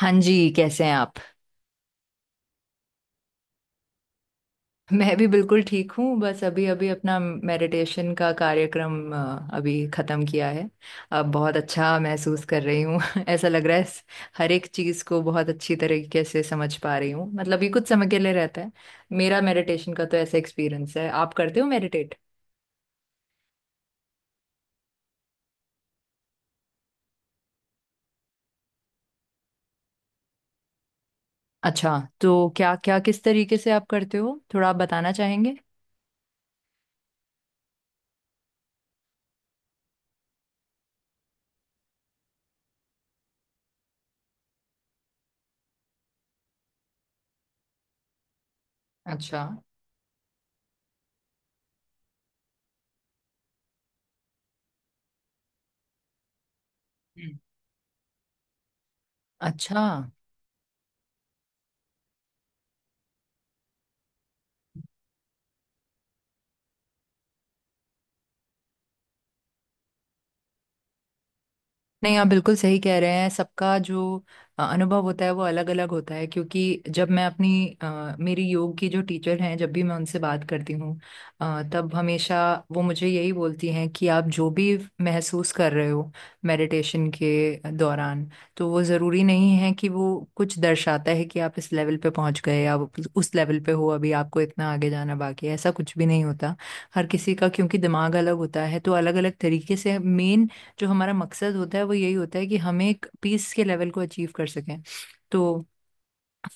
हाँ जी, कैसे हैं आप? मैं भी बिल्कुल ठीक हूँ। बस अभी अभी अपना मेडिटेशन का कार्यक्रम अभी ख़त्म किया है। अब बहुत अच्छा महसूस कर रही हूँ। ऐसा लग रहा है हर एक चीज़ को बहुत अच्छी तरीके से समझ पा रही हूँ। मतलब ये कुछ समय के लिए रहता है। मेरा मेडिटेशन का तो ऐसा एक्सपीरियंस है। आप करते हो मेडिटेट? अच्छा, तो क्या क्या, किस तरीके से आप करते हो? थोड़ा आप बताना चाहेंगे। अच्छा। हम्म। अच्छा। नहीं, आप बिल्कुल सही कह रहे हैं। सबका जो अनुभव होता है वो अलग अलग होता है। क्योंकि जब मैं अपनी मेरी योग की जो टीचर हैं, जब भी मैं उनसे बात करती हूँ तब हमेशा वो मुझे यही बोलती हैं कि आप जो भी महसूस कर रहे हो मेडिटेशन के दौरान, तो वो ज़रूरी नहीं है कि वो कुछ दर्शाता है कि आप इस लेवल पे पहुंच गए, आप उस लेवल पे हो, अभी आपको इतना आगे जाना बाकी है, ऐसा कुछ भी नहीं होता। हर किसी का क्योंकि दिमाग अलग होता है तो अलग अलग तरीके से मेन। जो हमारा मकसद होता है वो यही होता है कि हम एक पीस के लेवल को अचीव कर सकें। तो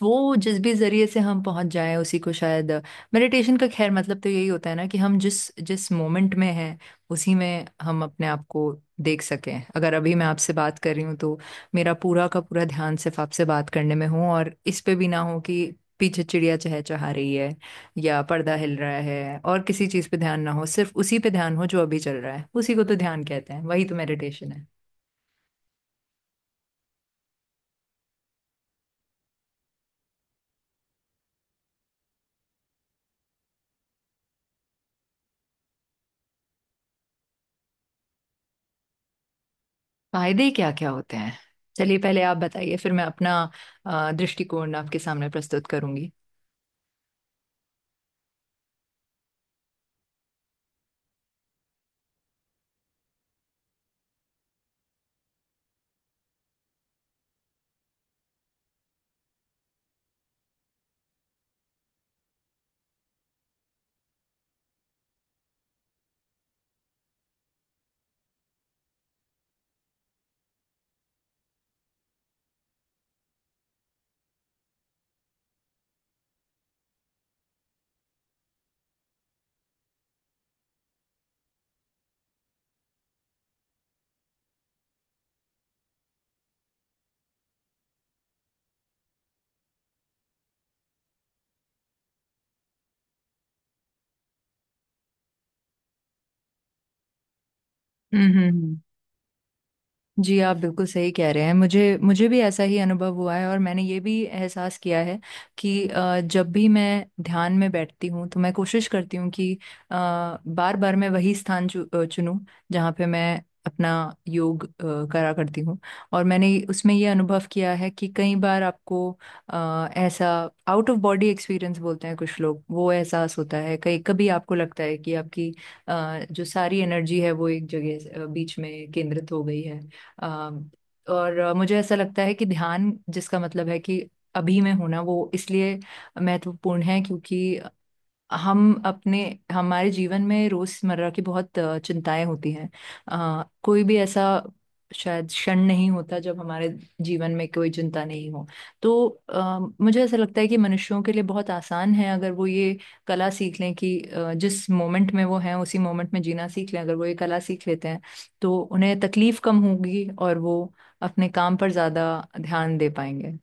वो जिस भी जरिए से हम पहुंच जाएं उसी को शायद मेडिटेशन का खैर मतलब तो यही होता है ना, कि हम जिस जिस मोमेंट में हैं उसी में हम अपने आप को देख सकें। अगर अभी मैं आपसे बात कर रही हूँ तो मेरा पूरा का पूरा ध्यान सिर्फ आपसे बात करने में हो, और इस पे भी ना हो कि पीछे चिड़िया चहचहा रही है या पर्दा हिल रहा है, और किसी चीज पे ध्यान ना हो, सिर्फ उसी पे ध्यान हो जो अभी चल रहा है। उसी को तो ध्यान कहते हैं, वही तो मेडिटेशन है। फायदे क्या क्या होते हैं? चलिए पहले आप बताइए, फिर मैं अपना दृष्टिकोण आपके सामने प्रस्तुत करूंगी। हम्म, हम्म। जी, आप बिल्कुल सही कह रहे हैं। मुझे मुझे भी ऐसा ही अनुभव हुआ है, और मैंने ये भी एहसास किया है कि जब भी मैं ध्यान में बैठती हूँ तो मैं कोशिश करती हूँ कि बार बार मैं वही स्थान चुनूं जहाँ पे मैं अपना योग करा करती हूँ। और मैंने उसमें ये अनुभव किया है कि कई बार आपको ऐसा आउट ऑफ बॉडी एक्सपीरियंस बोलते हैं कुछ लोग, वो एहसास होता है। कई कभी आपको लगता है कि आपकी जो सारी एनर्जी है वो एक जगह बीच में केंद्रित हो गई है। अम, और मुझे ऐसा लगता है कि ध्यान, जिसका मतलब है कि अभी में होना, वो इसलिए महत्वपूर्ण है क्योंकि हम अपने हमारे जीवन में रोजमर्रा की बहुत चिंताएं होती हैं। कोई भी ऐसा शायद क्षण नहीं होता जब हमारे जीवन में कोई चिंता नहीं हो। तो मुझे ऐसा लगता है कि मनुष्यों के लिए बहुत आसान है, अगर वो ये कला सीख लें कि जिस मोमेंट में वो हैं उसी मोमेंट में जीना सीख लें। अगर वो ये कला सीख लेते हैं तो उन्हें तकलीफ कम होगी और वो अपने काम पर ज्यादा ध्यान दे पाएंगे।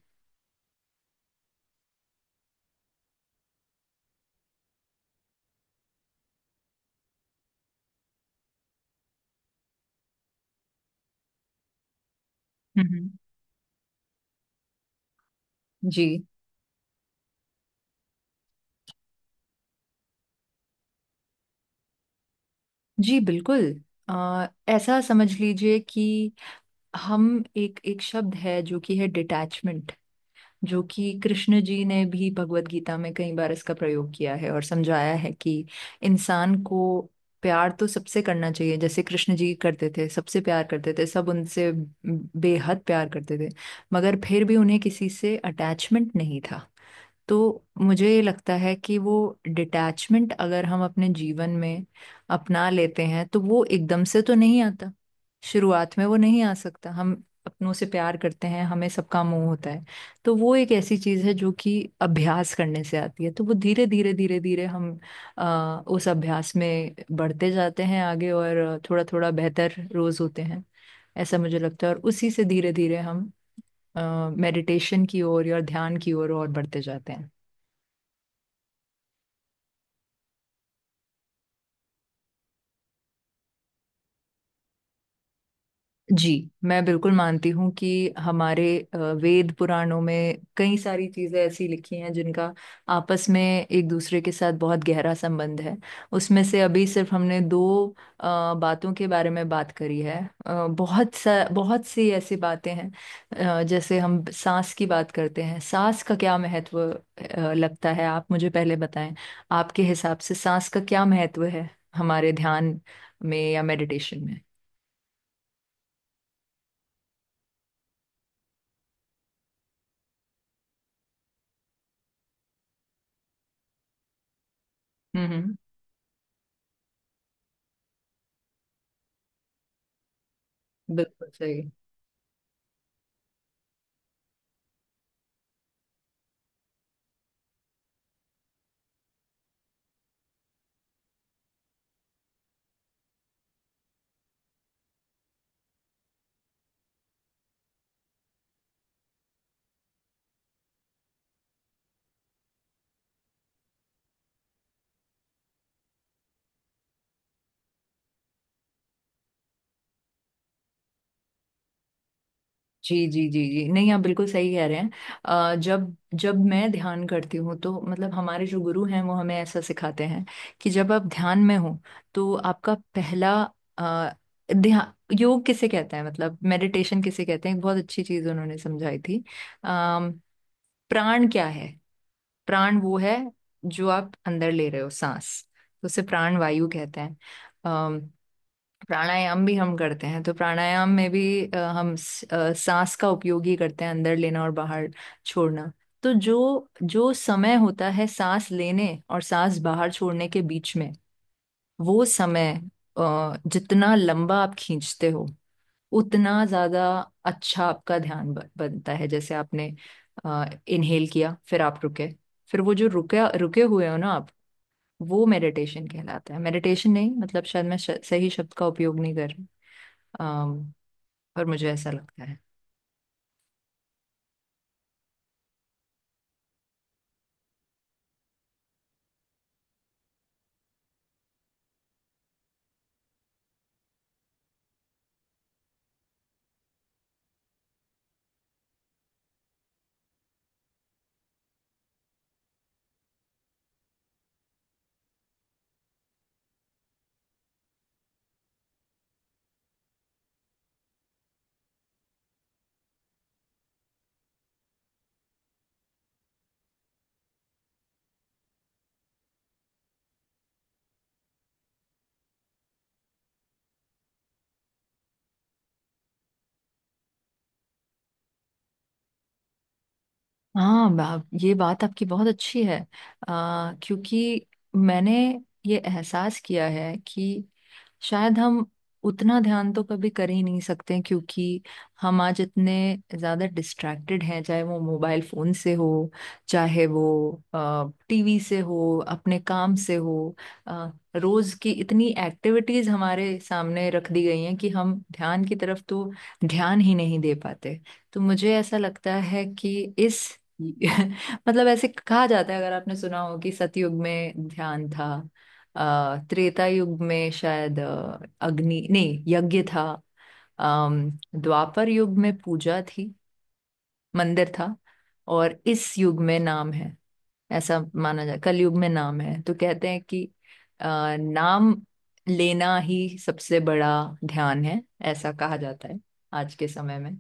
हम्म। जी। जी बिल्कुल। ऐसा समझ लीजिए कि हम एक एक शब्द है जो कि है डिटैचमेंट। जो कि कृष्ण जी ने भी भगवत गीता में कई बार इसका प्रयोग किया है, और समझाया है कि इंसान को प्यार तो सबसे करना चाहिए, जैसे कृष्ण जी करते थे, सबसे प्यार करते थे, सब उनसे बेहद प्यार करते थे, मगर फिर भी उन्हें किसी से अटैचमेंट नहीं था। तो मुझे ये लगता है कि वो डिटैचमेंट अगर हम अपने जीवन में अपना लेते हैं तो वो एकदम से तो नहीं आता, शुरुआत में वो नहीं आ सकता। हम अपनों से प्यार करते हैं, हमें सबका मोह होता है। तो वो एक ऐसी चीज़ है जो कि अभ्यास करने से आती है। तो वो धीरे धीरे धीरे धीरे हम उस अभ्यास में बढ़ते जाते हैं आगे, और थोड़ा थोड़ा बेहतर रोज होते हैं, ऐसा मुझे लगता है। और उसी से धीरे धीरे हम मेडिटेशन की ओर या ध्यान की ओर और बढ़ते जाते हैं। जी, मैं बिल्कुल मानती हूँ कि हमारे वेद पुराणों में कई सारी चीज़ें ऐसी लिखी हैं जिनका आपस में एक दूसरे के साथ बहुत गहरा संबंध है। उसमें से अभी सिर्फ हमने दो अ, बातों के बारे में बात करी है। बहुत सा बहुत सी ऐसी बातें हैं। जैसे हम सांस की बात करते हैं। सांस का क्या महत्व लगता है, आप मुझे पहले बताएं। आपके हिसाब से सांस का क्या महत्व है हमारे ध्यान में या मेडिटेशन में? हम्म। बिल्कुल सही। जी जी जी जी। नहीं, आप बिल्कुल सही कह रहे हैं। जब जब मैं ध्यान करती हूँ, तो मतलब हमारे जो गुरु हैं वो हमें ऐसा सिखाते हैं कि जब आप ध्यान में हो तो आपका पहला अ, ध्यान, योग किसे कहते हैं मतलब मेडिटेशन किसे कहते हैं, एक बहुत अच्छी चीज उन्होंने समझाई थी। अम, प्राण क्या है? प्राण वो है जो आप अंदर ले रहे हो, सांस, तो उसे प्राण वायु कहते हैं। प्राणायाम भी हम करते हैं। तो प्राणायाम में भी हम सांस का उपयोग ही करते हैं, अंदर लेना और बाहर छोड़ना। तो जो जो समय होता है सांस लेने और सांस बाहर छोड़ने के बीच में, वो समय जितना लंबा आप खींचते हो उतना ज्यादा अच्छा आपका ध्यान बनता है। जैसे आपने इनहेल किया, फिर आप रुके, फिर वो जो रुके रुके हुए हो ना आप, वो मेडिटेशन कहलाता है। मेडिटेशन नहीं मतलब शायद मैं सही शब्द का उपयोग नहीं कर अम, पर मुझे ऐसा लगता है। हाँ, ये बात आपकी बहुत अच्छी है। क्योंकि मैंने ये एहसास किया है कि शायद हम उतना ध्यान तो कभी कर ही नहीं सकते। क्योंकि हम आज इतने ज़्यादा डिस्ट्रैक्टेड हैं, चाहे वो मोबाइल फ़ोन से हो, चाहे वो टीवी से हो, अपने काम से हो। आ, रोज़ की इतनी एक्टिविटीज़ हमारे सामने रख दी गई हैं कि हम ध्यान की तरफ तो ध्यान ही नहीं दे पाते। तो मुझे ऐसा लगता है कि इस मतलब ऐसे कहा जाता है, अगर आपने सुना हो, कि सतयुग में ध्यान था, त्रेता युग में शायद अग्नि नहीं यज्ञ था, अम, द्वापर युग में पूजा थी, मंदिर था, और इस युग में नाम है, ऐसा माना जाए कलयुग में नाम है। तो कहते हैं कि अ, नाम लेना ही सबसे बड़ा ध्यान है, ऐसा कहा जाता है आज के समय में।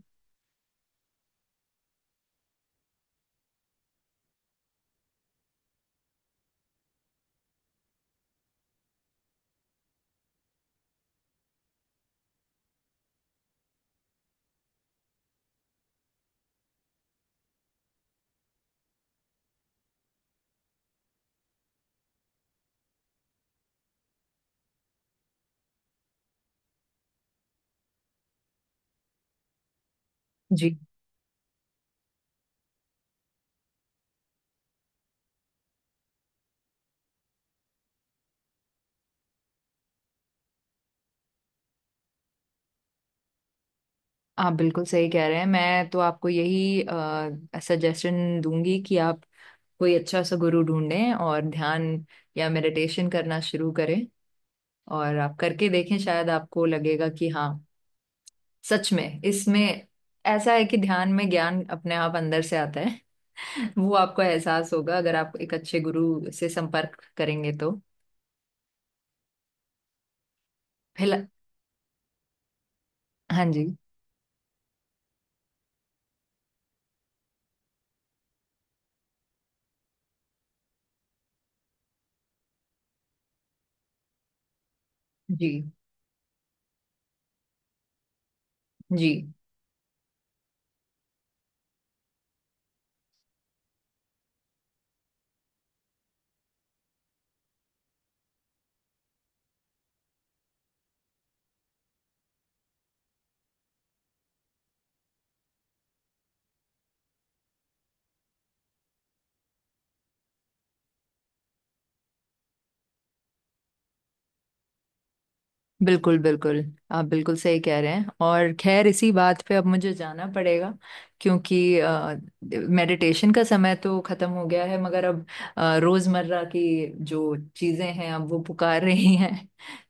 जी, आप बिल्कुल सही कह रहे हैं। मैं तो आपको यही सजेशन दूंगी कि आप कोई अच्छा सा गुरु ढूंढें और ध्यान या मेडिटेशन करना शुरू करें, और आप करके देखें। शायद आपको लगेगा कि हाँ, सच में इसमें ऐसा है कि ध्यान में ज्ञान अपने आप अंदर से आता है। वो आपको एहसास होगा अगर आप एक अच्छे गुरु से संपर्क करेंगे तो। फिलहाल। हाँ जी। जी जी। बिल्कुल बिल्कुल। आप बिल्कुल सही कह रहे हैं, और खैर इसी बात पे अब मुझे जाना पड़ेगा, क्योंकि मेडिटेशन का समय तो खत्म हो गया है। मगर अब रोजमर्रा की जो चीजें हैं, अब वो पुकार रही हैं।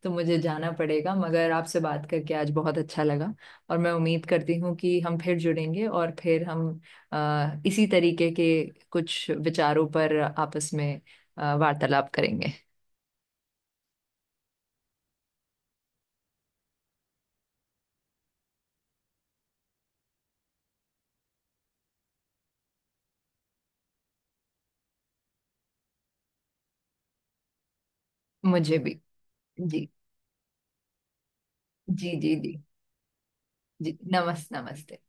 तो मुझे जाना पड़ेगा। मगर आपसे बात करके आज बहुत अच्छा लगा, और मैं उम्मीद करती हूँ कि हम फिर जुड़ेंगे और फिर हम इसी तरीके के कुछ विचारों पर आपस में वार्तालाप करेंगे। मुझे भी। जी। जी जी जी। जी, नमस्ते।